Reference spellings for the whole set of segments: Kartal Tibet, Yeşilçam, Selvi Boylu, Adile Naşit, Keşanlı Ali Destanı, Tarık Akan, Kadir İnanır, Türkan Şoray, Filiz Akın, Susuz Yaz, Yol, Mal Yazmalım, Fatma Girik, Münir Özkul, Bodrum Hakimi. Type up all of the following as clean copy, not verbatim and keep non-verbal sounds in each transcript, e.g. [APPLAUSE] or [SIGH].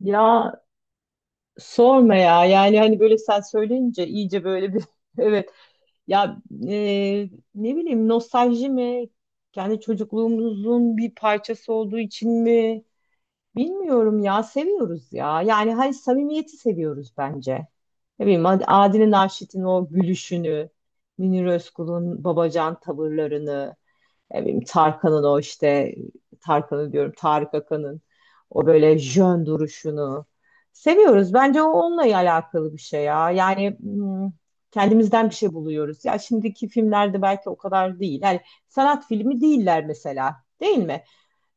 Ya sorma ya yani hani böyle sen söyleyince iyice böyle bir [LAUGHS] evet ya ne bileyim nostalji mi kendi çocukluğumuzun bir parçası olduğu için mi bilmiyorum ya seviyoruz ya yani hani samimiyeti seviyoruz bence. Ne bileyim Adile Naşit'in o gülüşünü, Münir Özkul'un babacan tavırlarını. Ne bileyim, Tarkan'ın o işte Tarkan'ı diyorum Tarık Akan'ın o böyle jön duruşunu seviyoruz. Bence o onunla alakalı bir şey ya. Yani kendimizden bir şey buluyoruz. Ya şimdiki filmlerde belki o kadar değil. Yani sanat filmi değiller mesela. Değil mi?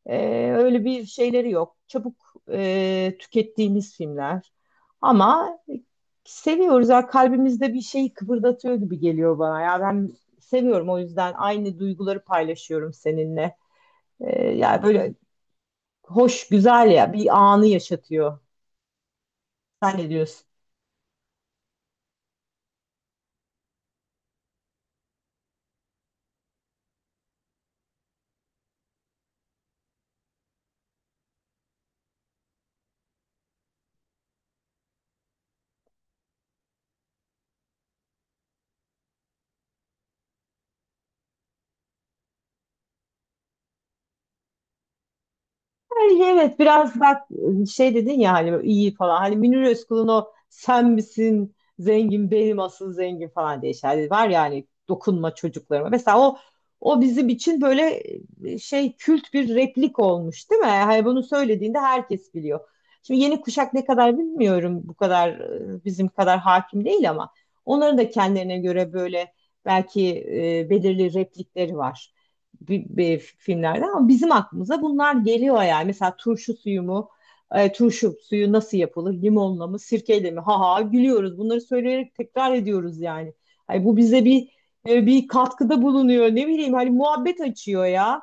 Öyle bir şeyleri yok. Çabuk tükettiğimiz filmler. Ama seviyoruz. Ya kalbimizde bir şeyi kıpırdatıyor gibi geliyor bana. Ya ben seviyorum o yüzden aynı duyguları paylaşıyorum seninle. Yani böyle hoş, güzel ya bir anı yaşatıyor. Sen ne diyorsun? Yani evet biraz bak şey dedin ya hani iyi falan. Hani Münir Özkul'un o sen misin zengin benim asıl zengin falan diye şeyler var ya hani dokunma çocuklarıma. Mesela o o bizim için böyle şey kült bir replik olmuş değil mi? Hani bunu söylediğinde herkes biliyor. Şimdi yeni kuşak ne kadar bilmiyorum bu kadar bizim kadar hakim değil ama onların da kendilerine göre böyle belki belirli replikleri var bir filmlerden ama bizim aklımıza bunlar geliyor yani. Mesela turşu suyu mu? E, turşu suyu nasıl yapılır? Limonla mı? Sirkeyle mi? Ha ha gülüyoruz. Bunları söyleyerek tekrar ediyoruz yani. Ay, bu bize bir katkıda bulunuyor. Ne bileyim hani muhabbet açıyor ya.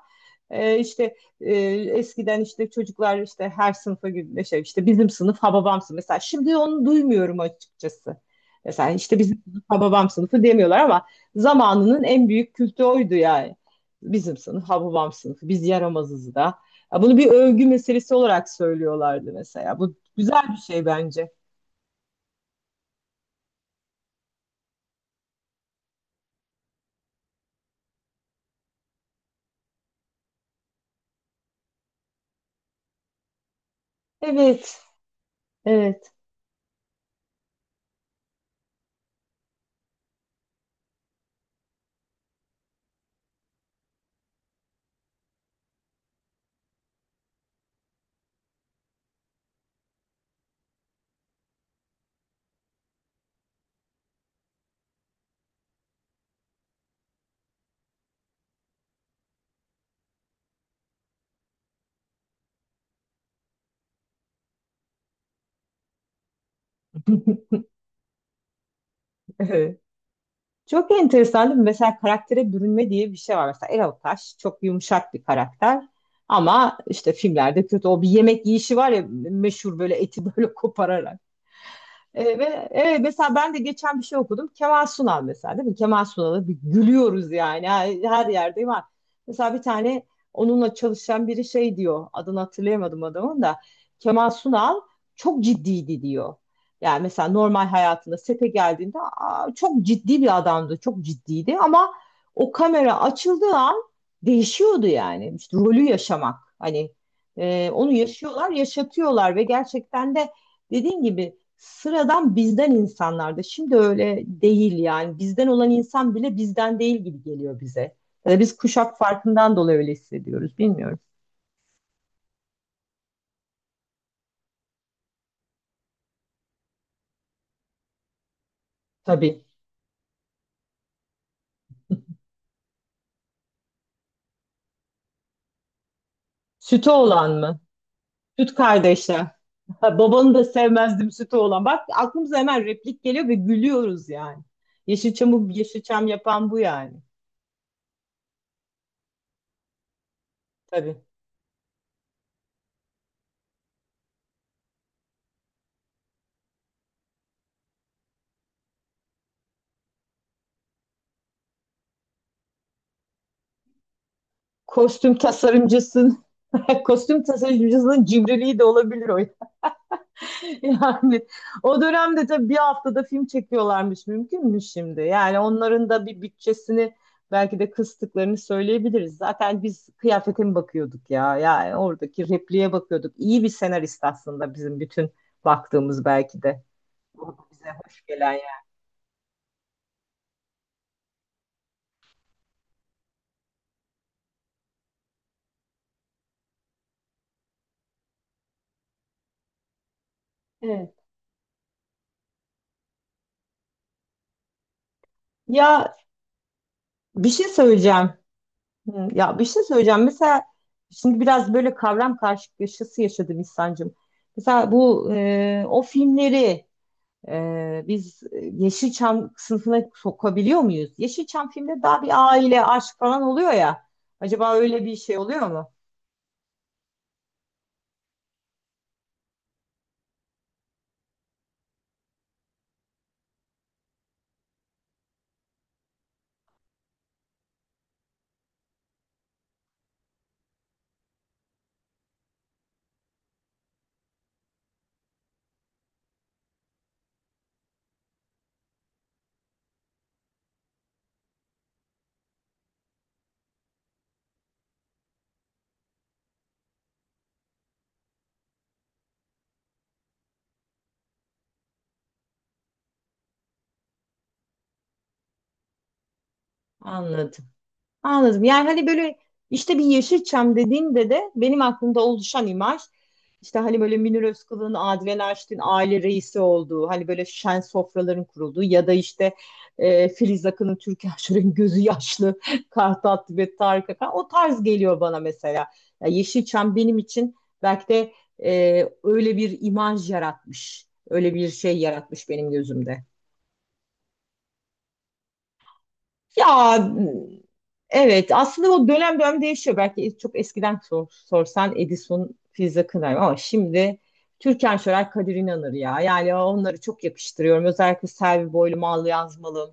E, işte e, Eskiden işte çocuklar işte her sınıfa gibi şey işte bizim sınıf ha babam sınıfı. Mesela şimdi onu duymuyorum açıkçası. Mesela işte bizim sınıf ha babam sınıfı demiyorlar ama zamanının en büyük kültü oydu yani bizim sınıf, ha babam sınıfı, biz yaramazız da. Ya bunu bir övgü meselesi olarak söylüyorlardı mesela. Bu güzel bir şey bence. Evet, evet, evet. Çok enteresan değil mi? Mesela karaktere bürünme diye bir şey var. Mesela Erol Taş çok yumuşak bir karakter. Ama işte filmlerde kötü. O bir yemek yiyişi var ya meşhur böyle eti böyle [LAUGHS] kopararak. E, ve Evet, mesela ben de geçen bir şey okudum. Kemal Sunal mesela değil mi? Kemal Sunal'ı bir gülüyoruz yani her yerde var. Mesela bir tane onunla çalışan biri şey diyor. Adını hatırlayamadım adamın da. Kemal Sunal çok ciddiydi diyor. Yani mesela normal hayatında sete geldiğinde "Aa, çok ciddi bir adamdı, çok ciddiydi ama o kamera açıldığı an değişiyordu yani. İşte rolü yaşamak. Hani onu yaşıyorlar, yaşatıyorlar ve gerçekten de dediğin gibi sıradan bizden insanlardı. Şimdi öyle değil yani. Bizden olan insan bile bizden değil gibi geliyor bize. Ya da biz kuşak farkından dolayı öyle hissediyoruz. Bilmiyorum. Tabii. Sütü olan mı? Süt kardeşler. Ha, babanı da sevmezdim sütü olan. Bak aklımıza hemen replik geliyor ve gülüyoruz yani. Yeşilçam'ı Yeşilçam yapan bu yani. Tabii. Kostüm tasarımcısın. [LAUGHS] Kostüm tasarımcısının cimriliği de olabilir o. [LAUGHS] Yani o dönemde tabii bir haftada film çekiyorlarmış mümkün mü şimdi. Yani onların da bir bütçesini belki de kıstıklarını söyleyebiliriz. Zaten biz kıyafete mi bakıyorduk ya? Yani oradaki repliğe bakıyorduk. İyi bir senarist aslında bizim bütün baktığımız belki de. Bu bize hoş gelen yani. Evet. Ya bir şey söyleyeceğim. Hı, ya bir şey söyleyeceğim. Mesela şimdi biraz böyle kavram karşılaşması yaşadım İhsan'cığım. Mesela bu o filmleri biz Yeşilçam sınıfına sokabiliyor muyuz? Yeşilçam filmde daha bir aile, aşk falan oluyor ya. Acaba öyle bir şey oluyor mu? Anladım. Anladım. Yani hani böyle işte bir Yeşilçam dediğinde de benim aklımda oluşan imaj işte hani böyle Münir Özkul'un, Adile Naşit'in aile reisi olduğu, hani böyle şen sofraların kurulduğu ya da işte Filiz Akın'ın Türkan Şoray'ın gözü yaşlı, [LAUGHS] Kartal Tibet, Tarık Akan o tarz geliyor bana mesela. Ya Yeşilçam benim için belki de öyle bir imaj yaratmış, öyle bir şey yaratmış benim gözümde. Ya evet aslında o dönem dönem değişiyor. Belki çok eskiden sorsan Edison, Filiz Akınar ama şimdi Türkan Şoray, Kadir İnanır ya. Yani onları çok yakıştırıyorum. Özellikle Selvi Boylu, Mal Yazmalım,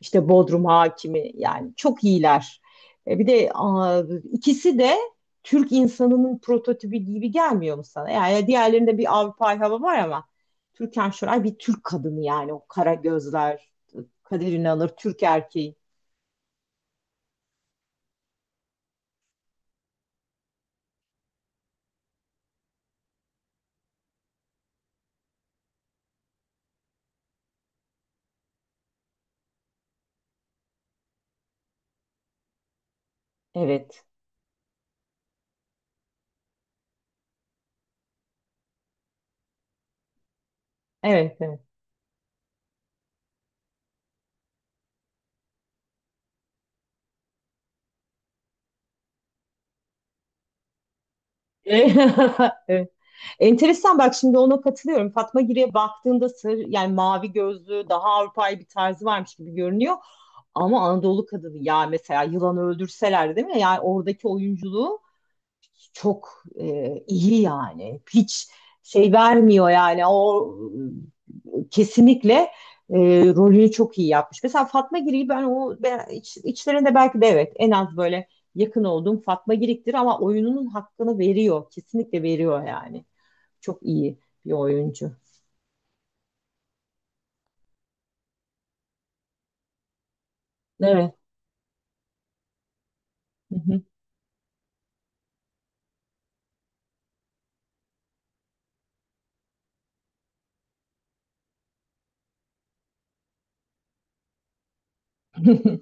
işte Bodrum Hakimi yani çok iyiler. Bir de aa, ikisi de Türk insanının prototipi gibi gelmiyor mu sana? Yani diğerlerinde bir Avrupa hava var ama Türkan Şoray bir Türk kadını yani o kara gözler, Kadir İnanır, Türk erkeği. Evet. Evet, evet. [LAUGHS] Evet. Enteresan bak şimdi ona katılıyorum. Fatma Giri'ye baktığında sır yani mavi gözlü daha Avrupa'yı bir tarzı varmış gibi görünüyor. Ama Anadolu kadını ya mesela yılanı öldürseler değil mi? Yani oradaki oyunculuğu çok iyi yani. Hiç şey vermiyor yani. O kesinlikle e, rolünü çok iyi yapmış. Mesela Fatma Girik'i ben o içlerinde belki de evet en az böyle yakın olduğum Fatma Girik'tir ama oyununun hakkını veriyor. Kesinlikle veriyor yani. Çok iyi bir oyuncu. Evet. Hı hı. [LAUGHS]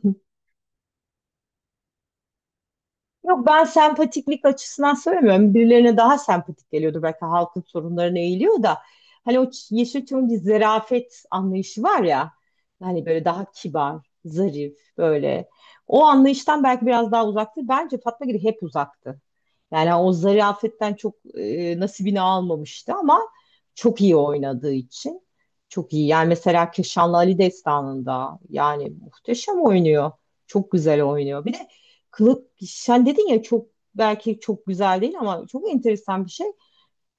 Yok ben sempatiklik açısından söylemiyorum. Birilerine daha sempatik geliyordur. Belki halkın sorunlarına eğiliyor da. Hani o Yeşilçam'ın bir zerafet anlayışı var ya. Hani böyle daha kibar, zarif böyle. O anlayıştan belki biraz daha uzaktır. Bence Fatma Giri hep uzaktı. Yani o zarafetten çok nasibini almamıştı ama çok iyi oynadığı için. Çok iyi. Yani mesela Keşanlı Ali Destanı'nda yani muhteşem oynuyor. Çok güzel oynuyor. Bir de kılık sen dedin ya çok belki çok güzel değil ama çok enteresan bir şey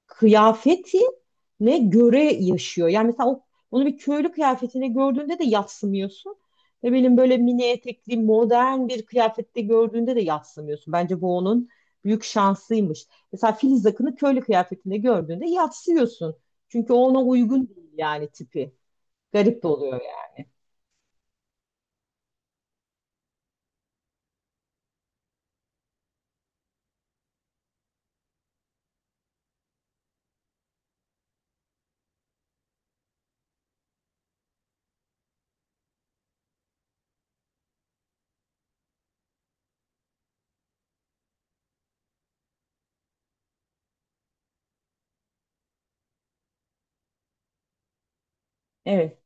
kıyafetine göre yaşıyor. Yani mesela o, onu bir köylü kıyafetine gördüğünde de yadsımıyorsun. Ve benim böyle mini etekli modern bir kıyafette gördüğünde de yadsımıyorsun. Bence bu onun büyük şansıymış. Mesela Filiz Akın'ı köylü kıyafetinde gördüğünde yadsıyorsun. Çünkü ona uygun değil yani tipi. Garip de oluyor yani. Evet.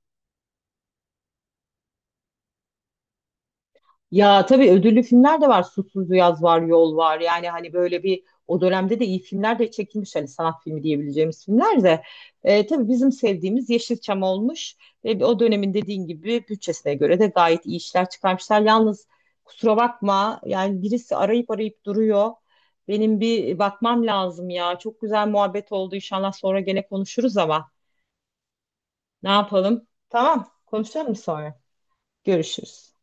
Ya tabii ödüllü filmler de var. Susuz Yaz var, Yol var. Yani hani böyle bir o dönemde de iyi filmler de çekilmiş. Hani sanat filmi diyebileceğimiz filmler de. Tabii bizim sevdiğimiz Yeşilçam olmuş. Ve o dönemin dediğin gibi bütçesine göre de gayet iyi işler çıkarmışlar. Yalnız kusura bakma yani birisi arayıp duruyor. Benim bir bakmam lazım ya. Çok güzel muhabbet oldu. İnşallah sonra gene konuşuruz ama ne yapalım? Tamam, konuşalım sonra. Görüşürüz.